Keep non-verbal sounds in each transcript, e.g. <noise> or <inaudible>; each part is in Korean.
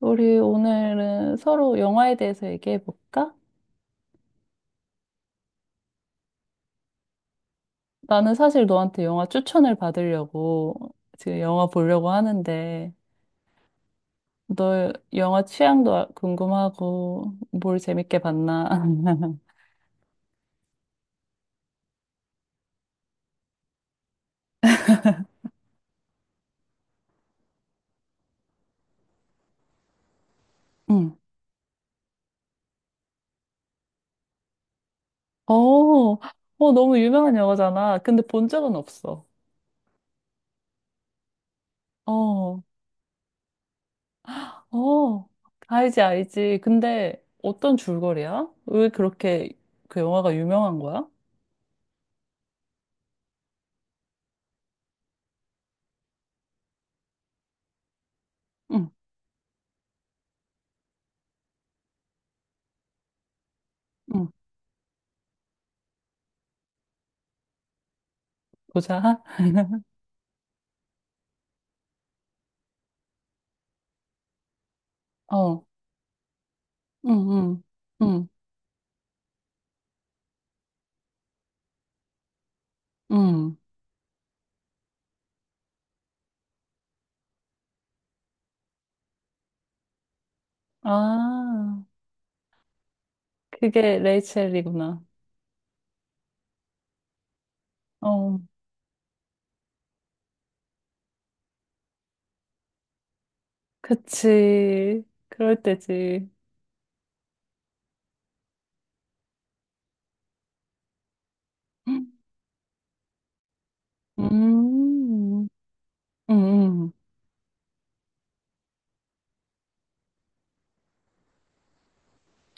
우리 오늘은 서로 영화에 대해서 얘기해 볼까? 나는 사실 너한테 영화 추천을 받으려고 지금 영화 보려고 하는데, 너 영화 취향도 궁금하고, 뭘 재밌게 봤나? <laughs> 응. 어, 어, 너무 유명한 영화잖아. 근데 본 적은 없어. 어, 어, 알지, 알지. 근데 어떤 줄거리야? 왜 그렇게 그 영화가 유명한 거야? 응, 응, 보자. <laughs> 어, 응, 응, 응. 음. 아, 그게 레이첼이구나. 어, 그치. 그럴 때지. 음, 음, 음.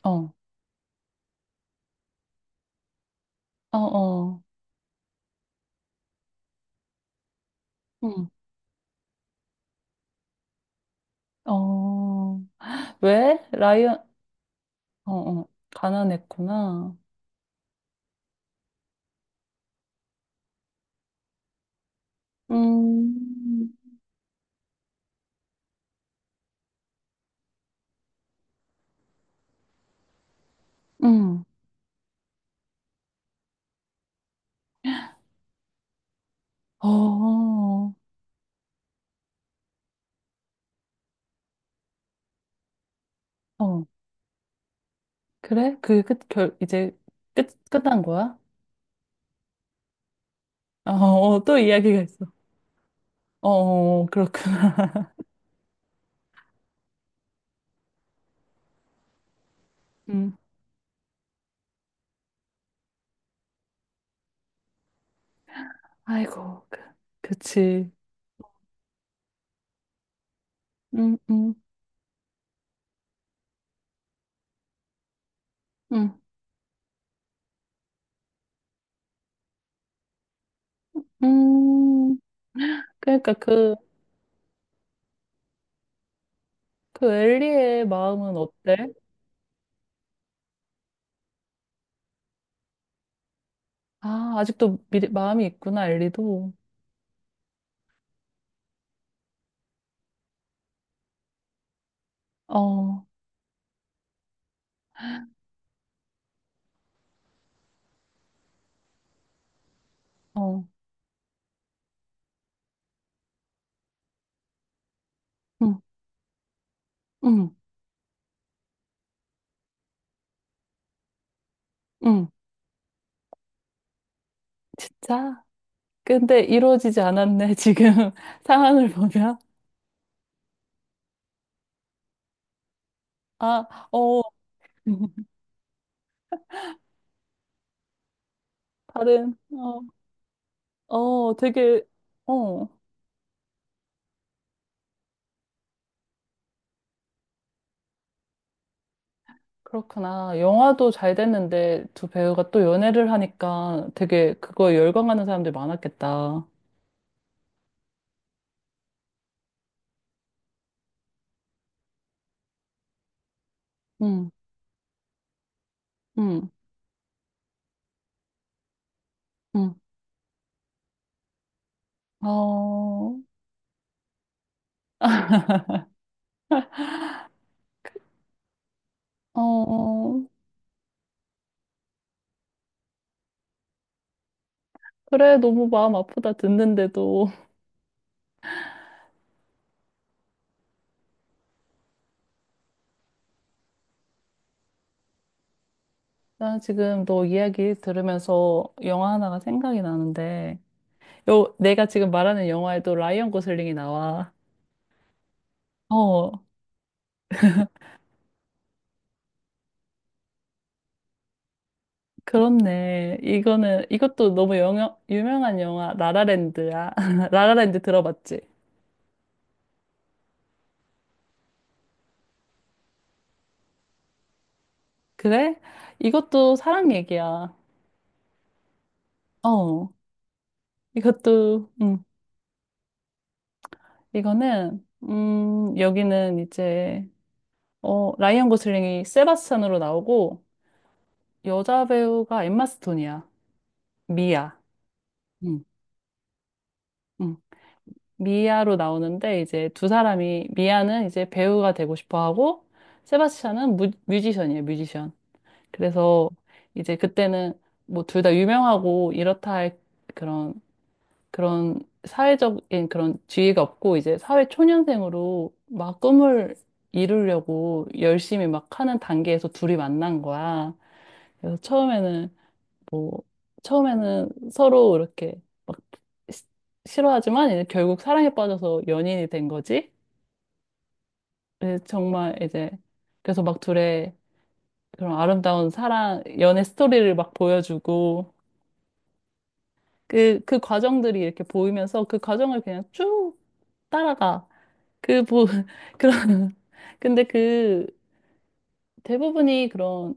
어, 어, 어. 음. 어. 왜? 라이언, 어, 어. 가난했구나. 음, 음. 어, 어. 그래? 이제 끝난 거야? 어, 어, 또 이야기가 있어. 어, 어, 어. 그렇구나. 음. 아이고, 그치. 음, 음, 음, 음. 그러니까 그 엘리의 마음은 어때? 아, 아직도 마음이 있구나, 엘리도. 어, 어, 응, 응, 응. 진짜? 근데 이루어지지 않았네, 지금 <laughs> 상황을 보면. 아, 어, <laughs> 다른, 어, 어, 되게, 어, 그렇구나. 영화도 잘 됐는데 두 배우가 또 연애를 하니까 되게 그거 열광하는 사람들이 많았겠다. 응, 응, 응. 어, 어, 그래, 너무 마음 아프다 듣는데도. <laughs> 나 지금 너 이야기 들으면서 영화 하나가 생각이 나는데, 내가 지금 말하는 영화에도 라이언 고슬링이 나와. 어, 그렇네. 이것도 너무 유명한 영화, 라라랜드야. <laughs> 라라랜드 들어봤지? 그래? 이것도 사랑 얘기야. 어, 이것도, 음, 여기는 이제, 라이언 고슬링이 세바스찬으로 나오고 여자 배우가 엠마 스톤이야. 미아. 응. 응. 미아로 나오는데 이제 두 사람이 미아는 이제 배우가 되고 싶어 하고 세바스찬은 뮤지션이에요, 뮤지션. 그래서 이제 그때는 뭐 둘 다 유명하고 이렇다 할 그런 그런 사회적인 그런 지위가 없고 이제 사회 초년생으로 막 꿈을 이루려고 열심히 막 하는 단계에서 둘이 만난 거야. 그래서 뭐 처음에는 서로 이렇게 막 시- 싫어하지만 이제 결국 사랑에 빠져서 연인이 된 거지. 예, 정말 이제 그래서 막 둘의 그런 아름다운 사랑 연애 스토리를 막 보여주고 그 과정들이 이렇게 보이면서 그 과정을 그냥 쭉 따라가 그 보 <laughs> 그런 근데 그 대부분이 그런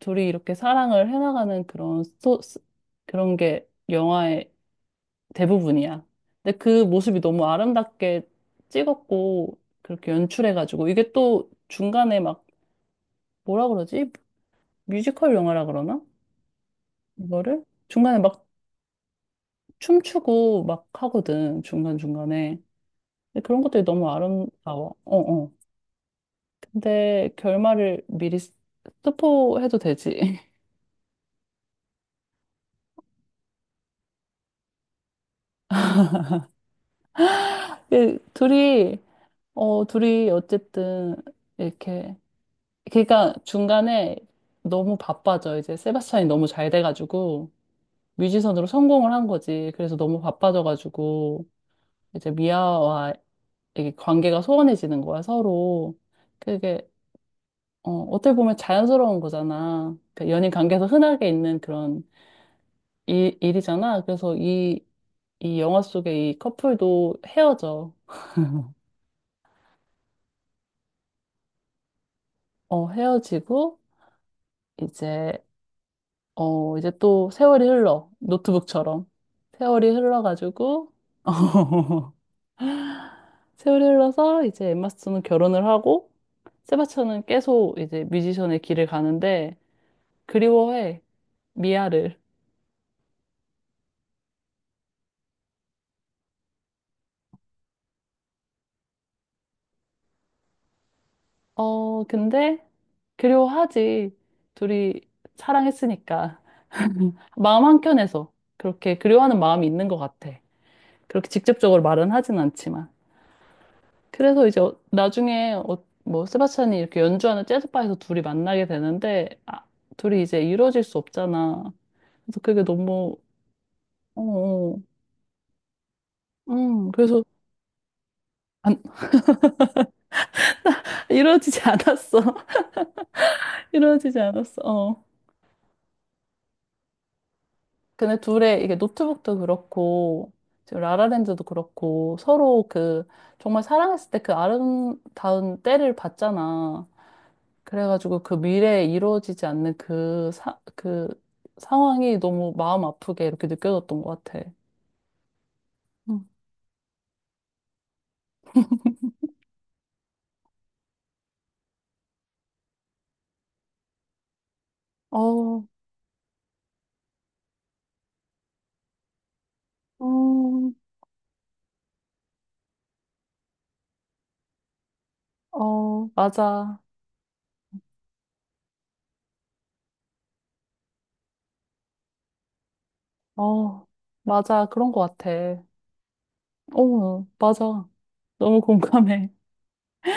둘이 이렇게 사랑을 해나가는 그런 게 영화에 대부분이야. 근데 그 모습이 너무 아름답게 찍었고, 그렇게 연출해가지고, 이게 또 중간에 막, 뭐라 그러지? 뮤지컬 영화라 그러나? 이거를? 중간에 막 춤추고 막 하거든, 중간중간에. 근데 그런 것들이 너무 아름다워. 어, 어. 근데 결말을 미리 스포해도 되지. <laughs> 그 둘이, 둘이 어쨌든, 이렇게, 그러니까 중간에 너무 바빠져. 이제 세바스찬이 너무 잘 돼가지고. 뮤지션으로 성공을 한 거지. 그래서 너무 바빠져가지고 이제 미아와 이게 관계가 소원해지는 거야, 서로. 그게 어떻게 보면 자연스러운 거잖아. 그러니까 연인 관계에서 흔하게 있는 그런 일이잖아. 그래서 이 영화 속의 이 커플도 헤어져. 헤어지고 이제 이제 또 세월이 흘러. 노트북처럼. 세월이 흘러가지고 <laughs> 세월이 흘러서 이제 엠마 스톤은 결혼을 하고 세바스찬은 계속 이제 뮤지션의 길을 가는데 그리워해 미아를. 근데 그리워하지 둘이 사랑했으니까 마음 한켠에서 그렇게 그리워하는 마음이 있는 것 같아. 그렇게 직접적으로 말은 하진 않지만 그래서 이제 나중에 뭐 세바스찬이 이렇게 연주하는 재즈바에서 둘이 만나게 되는데 아, 둘이 이제 이루어질 수 없잖아. 그래서 그게 너무 어, 어. 그래서 안, <laughs> 이루어지지 않았어. <laughs> 이루어지지 않았어. 어. 근데 둘의 이게 노트북도 그렇고 지금 라라랜드도 그렇고 서로 그 정말 사랑했을 때 그 아름다운 때를 봤잖아. 그래가지고 그 미래에 이루어지지 않는 그 상황이 너무 마음 아프게 이렇게 느껴졌던 것 같아. 응. 어, 음, 어, 맞아. 어, 맞아. 그런 것 같아. 어, 맞아. 너무 공감해.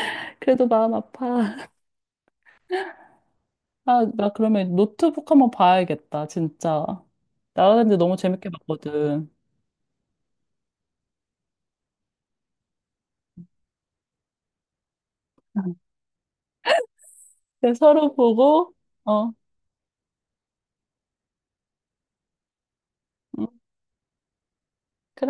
<laughs> 그래도 마음 아파. 아, 나 그러면 노트북 한번 봐야겠다, 진짜. 나라랜드 너무 재밌게 봤거든. <laughs> 근데 서로 보고, 어, 응, 그래.